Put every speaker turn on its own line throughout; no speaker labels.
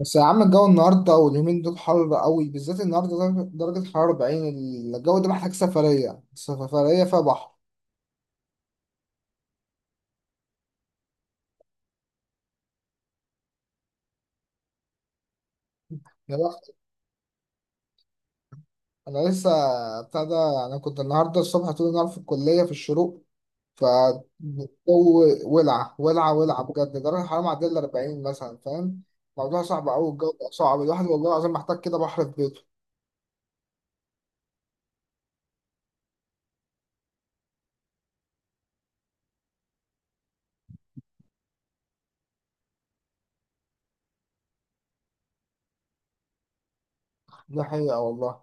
بس يا عم، الجو النهارده واليومين دول حر قوي، بالذات النهارده درجة حرارة 40. الجو ده محتاج سفرية سفرية فيها بحر. يا بخت. أنا لسه بتاع ده. أنا كنت النهارده الصبح طول النهار في الكلية في الشروق، فالجو ولع ولع ولع بجد، درجة الحرارة معدية ال 40 مثلا، فاهم؟ الموضوع صعب أوي، الجو بقى صعب، الواحد والله العظيم محتاج كده بحر في بيته. دي حقيقة والله.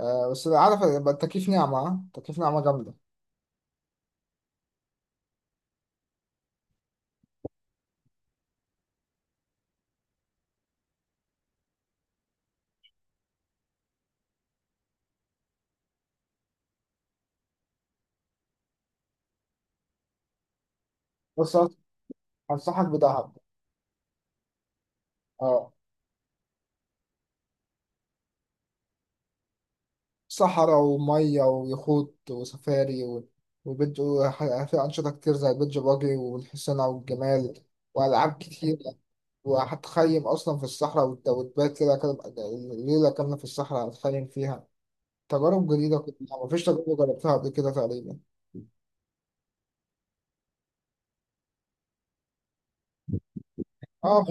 آه، بس عارف يبقى التكييف نعمة؟ ها؟ التكييف نعمة جامدة. بس أنصحك بدهب. اه، صحراء ومية ويخوت وسفاري وبيج في أنشطة كتير زي البيج باجي والحسنة والجمال، وألعاب كتير. وهتخيم أصلا في الصحراء وتبات كده ليلة كاملة في الصحراء هتخيم فيها. تجارب جديدة كلها، مفيش تجربة جربتها قبل كده تقريبا. اه.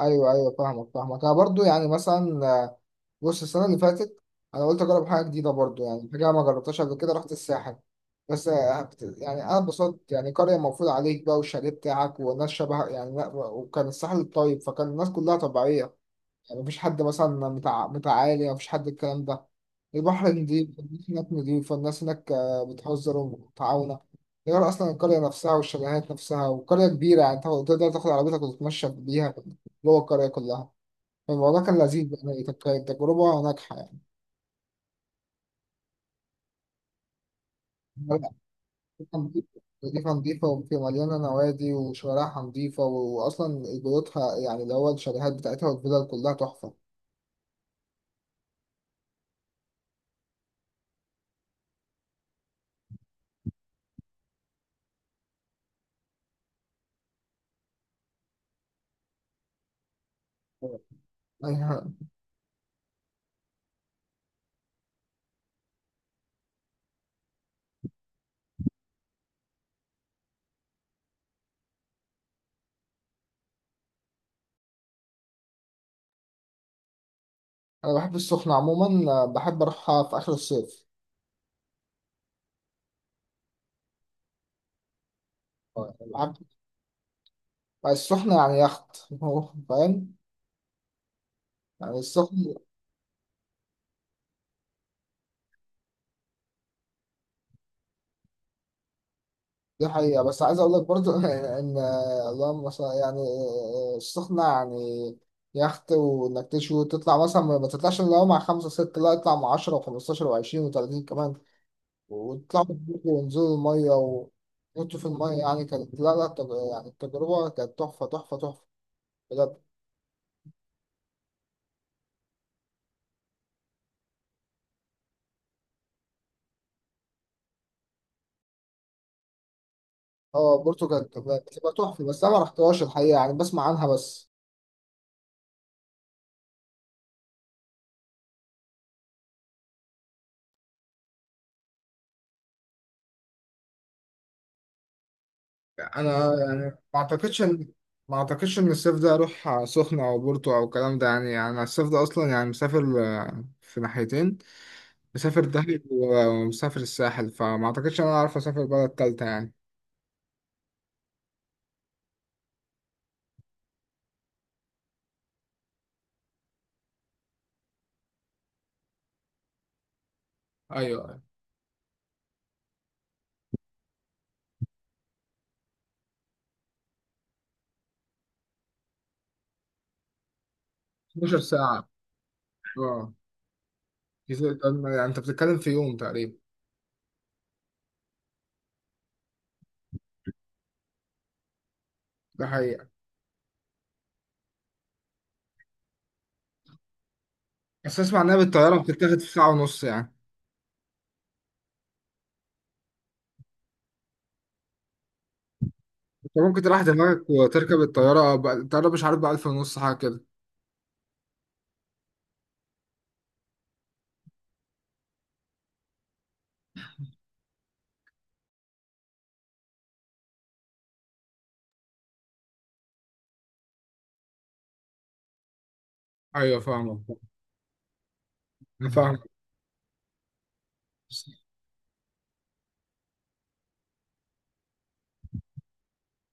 ايوه ايوه، فاهمك فاهمك. انا برضو يعني مثلا بص، السنه اللي فاتت انا قلت اجرب حاجه جديده برضو، يعني حاجه ما جربتهاش قبل كده، رحت الساحل. بس يعني انا اتبسطت. يعني قريه مفروض عليك بقى، والشاليه بتاعك، والناس شبه يعني، لا، وكان الساحل طيب، فكان الناس كلها طبيعيه. يعني مفيش حد مثلا متعالي، مفيش حد الكلام ده. البحر نضيف، الناس هناك نضيفة، الناس هناك بتهزر ومتعاونة. غير أصلا القرية نفسها والشاليهات نفسها، وقرية كبيرة، يعني تقدر تاخد عربيتك وتتمشى بيها جوه القرية كلها. فالموضوع كان لذيذ، يعني كانت تجربة ناجحة يعني. لا، نضيفة نضيفة نضيفة، وفي مليانة نوادي، وشوارعها نضيفة، وأصلا بيوتها يعني اللي هو الشاليهات بتاعتها والفيلل كلها تحفة. أيوة. أنا بحب السخنة عموما، بحب أروحها في آخر الصيف. عب- السخنة يعني يخت. هو فاهم يعني السخنة. دي حقيقة، بس عايز أقول لك برضو إن، اللهم مثلا، يعني السخنة يعني يخت، وإنك تشوي تطلع، مثلا ما تطلعش إلا هو مع خمسة ستة، لا، اطلع مع عشرة وخمستاشر وعشرين وتلاتين كمان، وتطلعوا تبقوا ونزلوا المية وتنطوا في المية. يعني كانت، لا لا، يعني التجربة كانت تحفة تحفة تحفة بجد. اه، بورتو كانت بتبقى تحفة، بس أنا ما رحتهاش الحقيقة، يعني بسمع عنها بس. انا يعني ما اعتقدش ان ما اعتقدش ان الصيف ده اروح سخنة او بورتو او الكلام ده. يعني انا الصيف ده اصلا يعني مسافر في ناحيتين، مسافر دهب ومسافر الساحل. فما اعتقدش ان انا اعرف اسافر بلد تالتة يعني. ايوه أيوة. 12 ساعة. اه، يعني انت بتتكلم في يوم تقريبا. ده حقيقة. بس اسمع انها بالطيارة بتتاخد في ساعة ونص يعني. انت ممكن تريح دماغك وتركب الطيارة، بقى الطيارة مش عارف بقى 1000 ونص، حاجة كده. ايوه فاهمك. انا فاهمك.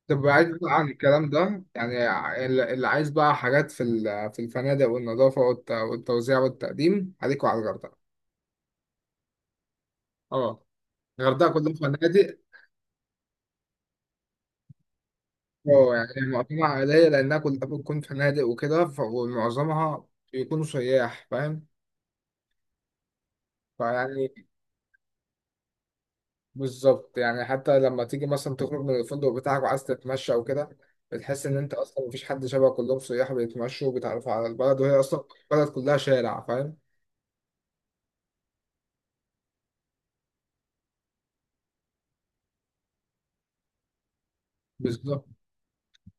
طب بعيد بقى عن الكلام ده، يعني اللي عايز بقى حاجات في الفنادق والنظافة والتوزيع والتقديم، عليك وعلى الغردقة. اه، الغردقة كلها فنادق. اه، يعني معظمها عائلية لأنها كلها بتكون فنادق وكده، ومعظمها بيكونوا سياح، فاهم؟ فيعني، بالظبط، يعني حتى لما تيجي مثلا تخرج من الفندق بتاعك وعايز تتمشى وكده، بتحس إن أنت أصلا مفيش حد، شبه كلهم سياح بيتمشوا وبيتعرفوا على البلد، وهي أصلا البلد كلها شارع، فاهم؟ بالظبط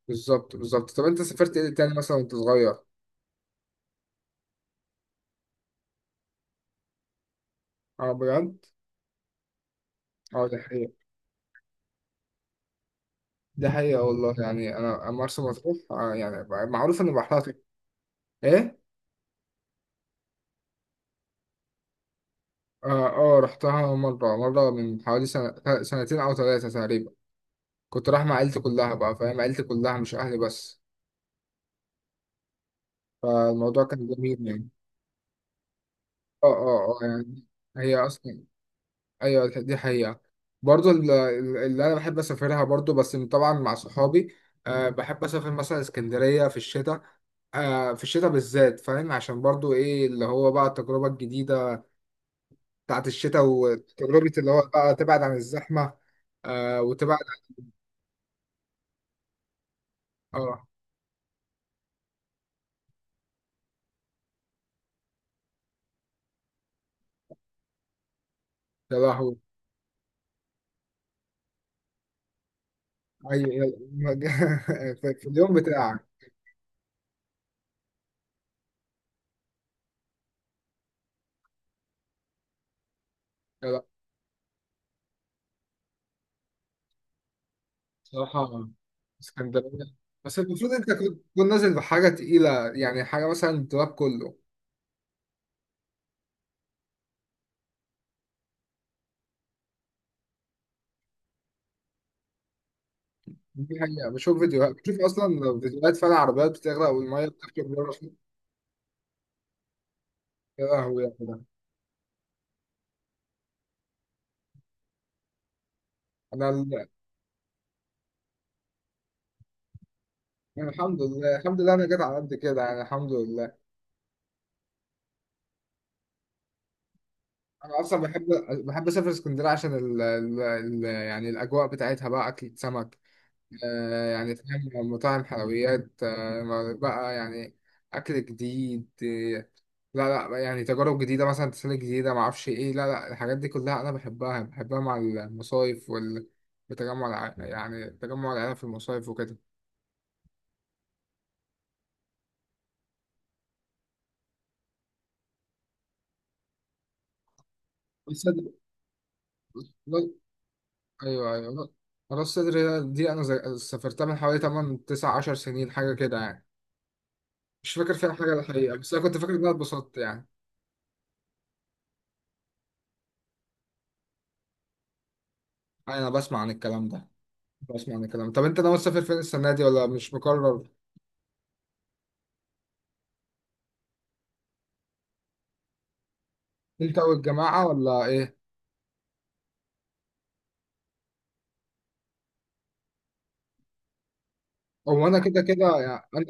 بالظبط بالظبط. طب انت سافرت ايه تاني مثلا وانت صغير؟ اه، بجد. اه، دي حقيقة. دي حقيقة والله، يعني انا مرسى مطروح يعني معروف ان بحرها طيب. ايه؟ اه اه، رحتها مرة مرة من حوالي سنة، سنتين او ثلاثة تقريبا. كنت رايح مع عيلتي كلها بقى، فاهم؟ عيلتي كلها مش اهلي بس. فالموضوع كان جميل يعني. اه اه اه، يعني هي اصلا. ايوه دي حقيقة. برضو اللي انا بحب اسافرها برضو، بس طبعا مع صحابي. أه بحب اسافر مثلا اسكندرية في الشتاء. آه، في الشتاء بالذات، فاهم؟ عشان برضو ايه، اللي هو بقى التجربة الجديدة بتاعت الشتاء، وتجربة اللي هو بقى تبعد عن الزحمة. آه وتبعد. اه. يا لهوي. ايوه، في اليوم بتاعك. يا لا. بصراحة اسكندرية. بس المفروض انت كنت تكون نازل بحاجة تقيلة، يعني حاجة مثلا التراب كله. دي حقيقة، بشوف فيديوهات، بشوف اصلا فيديوهات، فعلا عربيات بتغرق والمية بتخرج بره. يا لهوي يا جدع. انا ال- أنا الحمد لله، الحمد لله، انا جيت على قد كده يعني، الحمد لله. انا اصلا بحب، بحب اسافر اسكندريه عشان يعني الاجواء بتاعتها بقى، اكل سمك، يعني فاهم، مطاعم، حلويات، بقى يعني، اكل جديد. لا لا، يعني تجارب جديده، مثلا تسالي جديده، ما اعرفش ايه، لا لا، الحاجات دي كلها انا بحبها بحبها، مع المصايف وال، بتجمع يعني تجمع العيله في المصايف وكده. راس صدر. لا- ايوه ايوه، راس صدر دي انا سافرتها من حوالي 8 9 10 سنين حاجه كده يعني. مش فاكر فيها حاجة الحقيقة، بس أنا كنت فاكر إن أنا اتبسطت يعني. أنا بسمع عن الكلام ده، بسمع عن الكلام. طب أنت ناوي تسافر فين السنة دي ولا مش مقرر؟ أنت والجماعة ولا إيه؟ هو أنا كده كده يعني. أنا،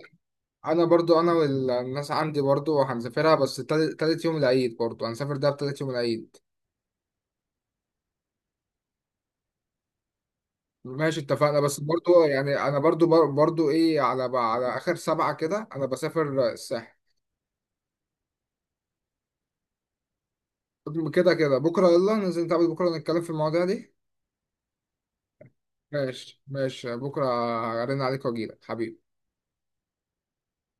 أنا برضو، أنا والناس عندي برضو هنسافرها بس تالت يوم العيد، برضو هنسافر ده تالت يوم العيد. ماشي اتفقنا، بس برضو يعني أنا برضو برضو إيه، على آخر سبعة كده أنا بسافر الساحل. كده كده بكرة، يلا ننزل نتقابل بكرة نتكلم في المواضيع دي. ماشي ماشي بكرة. أرن عليك وأجيلك حبيبي.